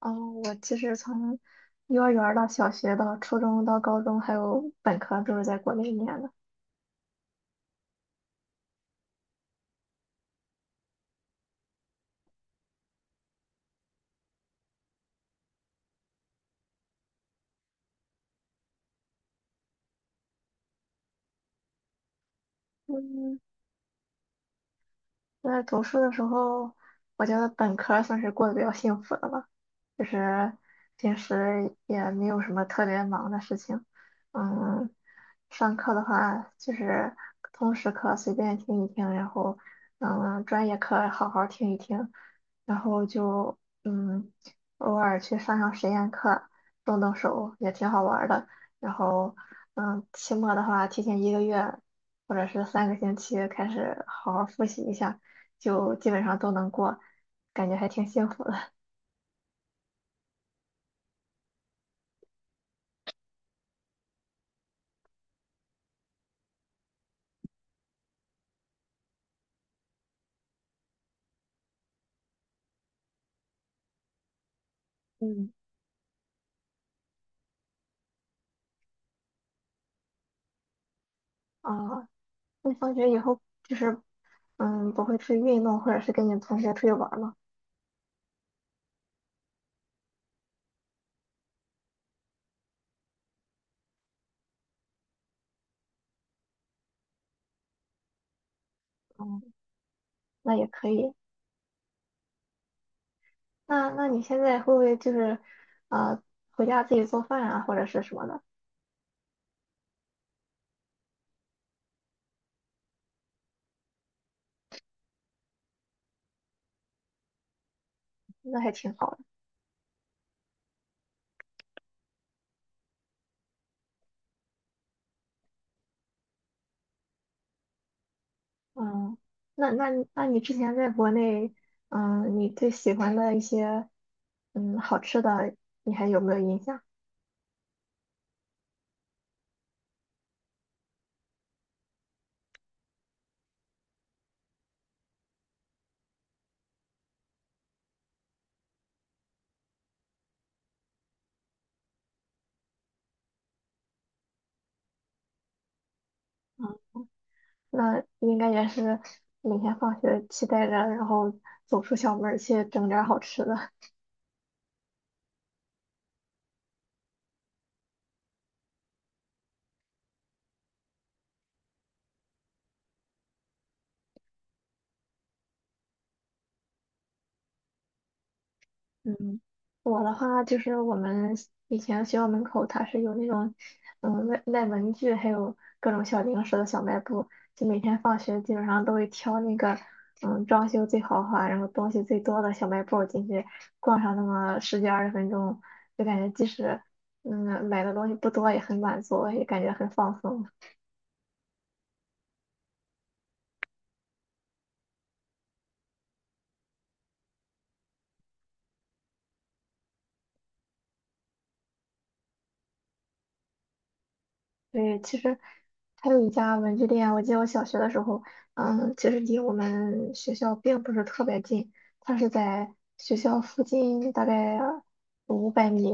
哦，我其实从幼儿园儿到小学到初中到高中还有本科都是在国内念的。嗯，那读书的时候，我觉得本科算是过得比较幸福的了，就是平时也没有什么特别忙的事情。嗯，上课的话就是通识课随便听一听，然后专业课好好听一听，然后就嗯，偶尔去上上实验课，动动手也挺好玩儿的。然后期末的话，提前一个月或者是3个星期开始好好复习一下，就基本上都能过，感觉还挺幸福的。嗯，啊，那放学以后就是不会去运动或者是跟你同学出去玩儿吗？嗯，那也可以。那你现在会不会就是呃回家自己做饭啊，或者是什么的？那还挺好的。嗯，那你之前在国内，你最喜欢的一些好吃的，你还有没有印象？那应该也是每天放学期待着，然后走出校门儿去整点儿好吃的。嗯，我的话就是我们以前学校门口它是有那种，卖文具还有各种小零食的小卖部，就每天放学基本上都会挑那个，装修最豪华，然后东西最多的小卖部进去逛上那么十几二十分钟，就感觉即使买的东西不多也很满足，也感觉很放松。对，其实还有一家文具店，我记得我小学的时候，其实离我们学校并不是特别近，它是在学校附近大概500米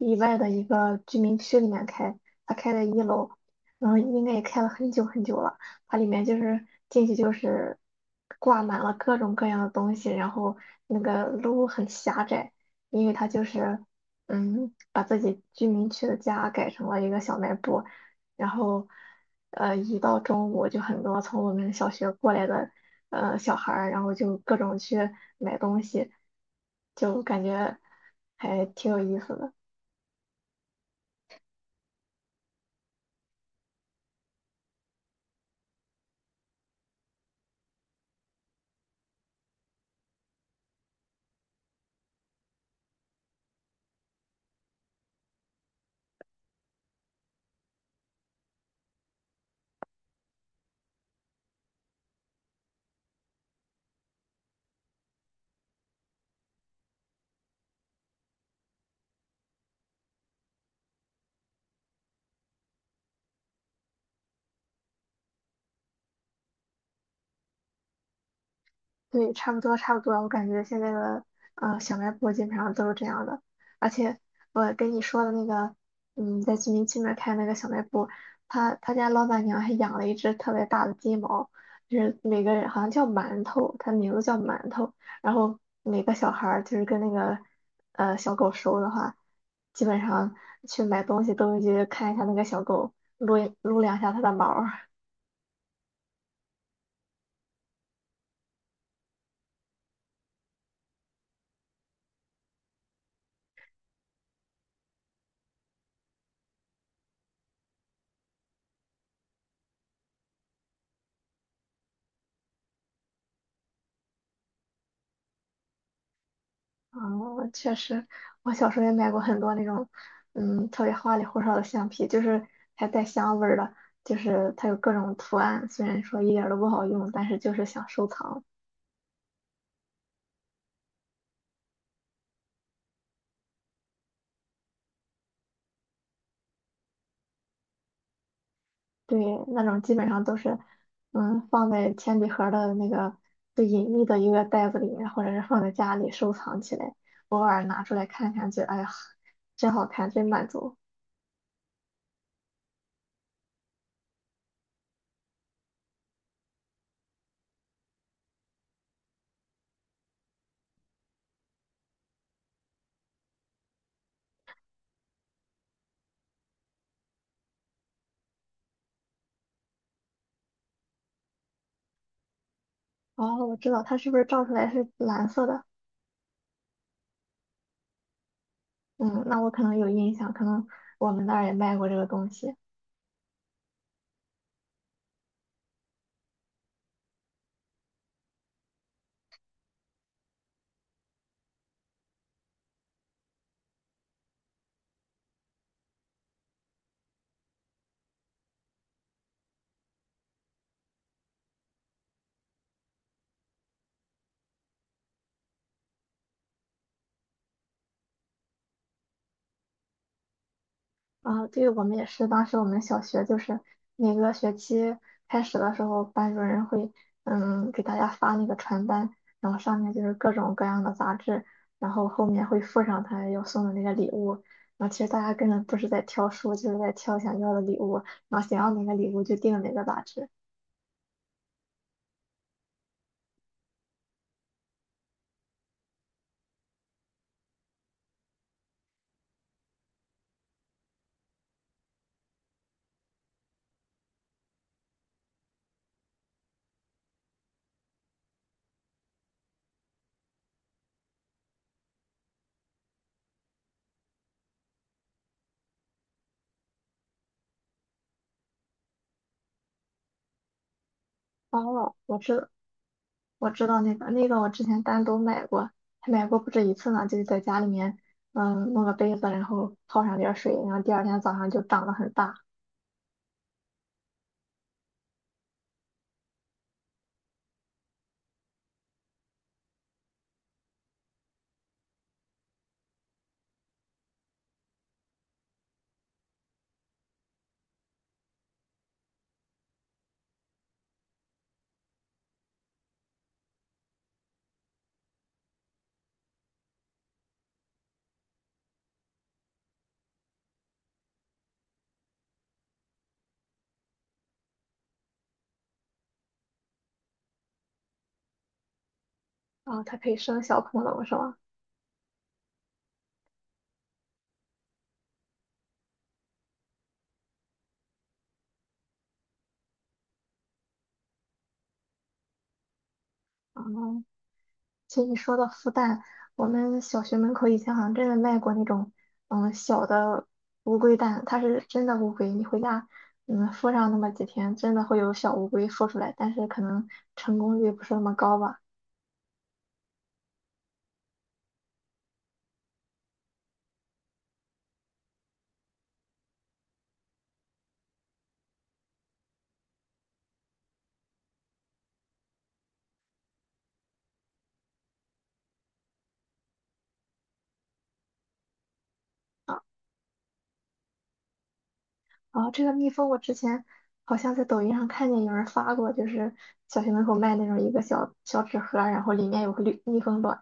以外的一个居民区里面开，它开在一楼，应该也开了很久很久了。它里面就是进去就是挂满了各种各样的东西，然后那个路很狭窄，因为它就是把自己居民区的家改成了一个小卖部。然后，一到中午就很多从我们小学过来的小孩儿，然后就各种去买东西，就感觉还挺有意思的。对，差不多差不多，我感觉现在的小卖部基本上都是这样的，而且我跟你说的那个，在居民区那儿开那个小卖部，他家老板娘还养了一只特别大的金毛，就是每个人好像叫馒头，它名字叫馒头，然后每个小孩儿就是跟那个小狗熟的话，基本上去买东西都会去看一下那个小狗，撸一撸两下它的毛。哦，确实，我小时候也买过很多那种，特别花里胡哨的橡皮，就是还带香味儿的，就是它有各种图案，虽然说一点儿都不好用，但是就是想收藏。对，那种基本上都是，放在铅笔盒儿的那个最隐秘的一个袋子里面，或者是放在家里收藏起来，偶尔拿出来看看，觉得哎呀，真好看，真满足。哦，我知道它是不是照出来是蓝色的？嗯，那我可能有印象，可能我们那儿也卖过这个东西啊。对，我们也是，当时我们小学就是每个学期开始的时候，班主任会给大家发那个传单，然后上面就是各种各样的杂志，然后后面会附上他要送的那个礼物。然后其实大家根本不是在挑书，就是在挑想要的礼物，然后想要哪个礼物就订哪个杂志。哦，我知道。我知道那个，我之前单独买过，还买过不止一次呢。就是在家里面，弄个杯子，然后泡上点儿水，然后第二天早上就长得很大。啊，它可以生小恐龙是吗？啊，其实你说到孵蛋，我们小学门口以前好像真的卖过那种，小的乌龟蛋，它是真的乌龟，你回家，孵上那么几天，真的会有小乌龟孵出来，但是可能成功率不是那么高吧。哦，这个蜜蜂我之前好像在抖音上看见有人发过，就是小学门口卖那种一个小小纸盒儿然后里面有个绿蜜蜂卵。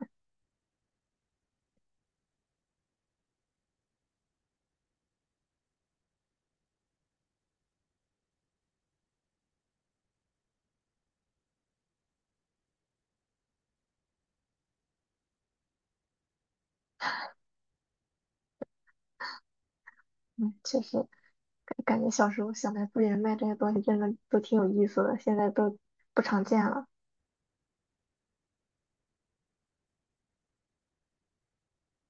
嗯，确实感觉小时候小卖部里面卖这些东西真的都挺有意思的，现在都不常见了。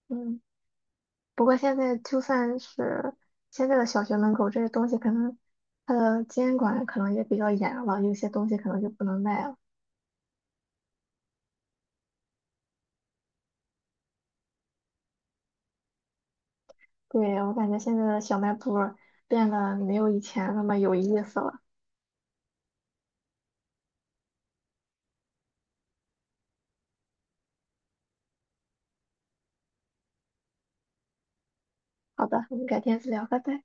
嗯，不过现在就算是现在的小学门口这些东西，可能它的监管可能也比较严了，有些东西可能就不能卖了。对，我感觉现在的小卖部变得没有以前那么有意思了。好的，我们改天再聊，拜拜。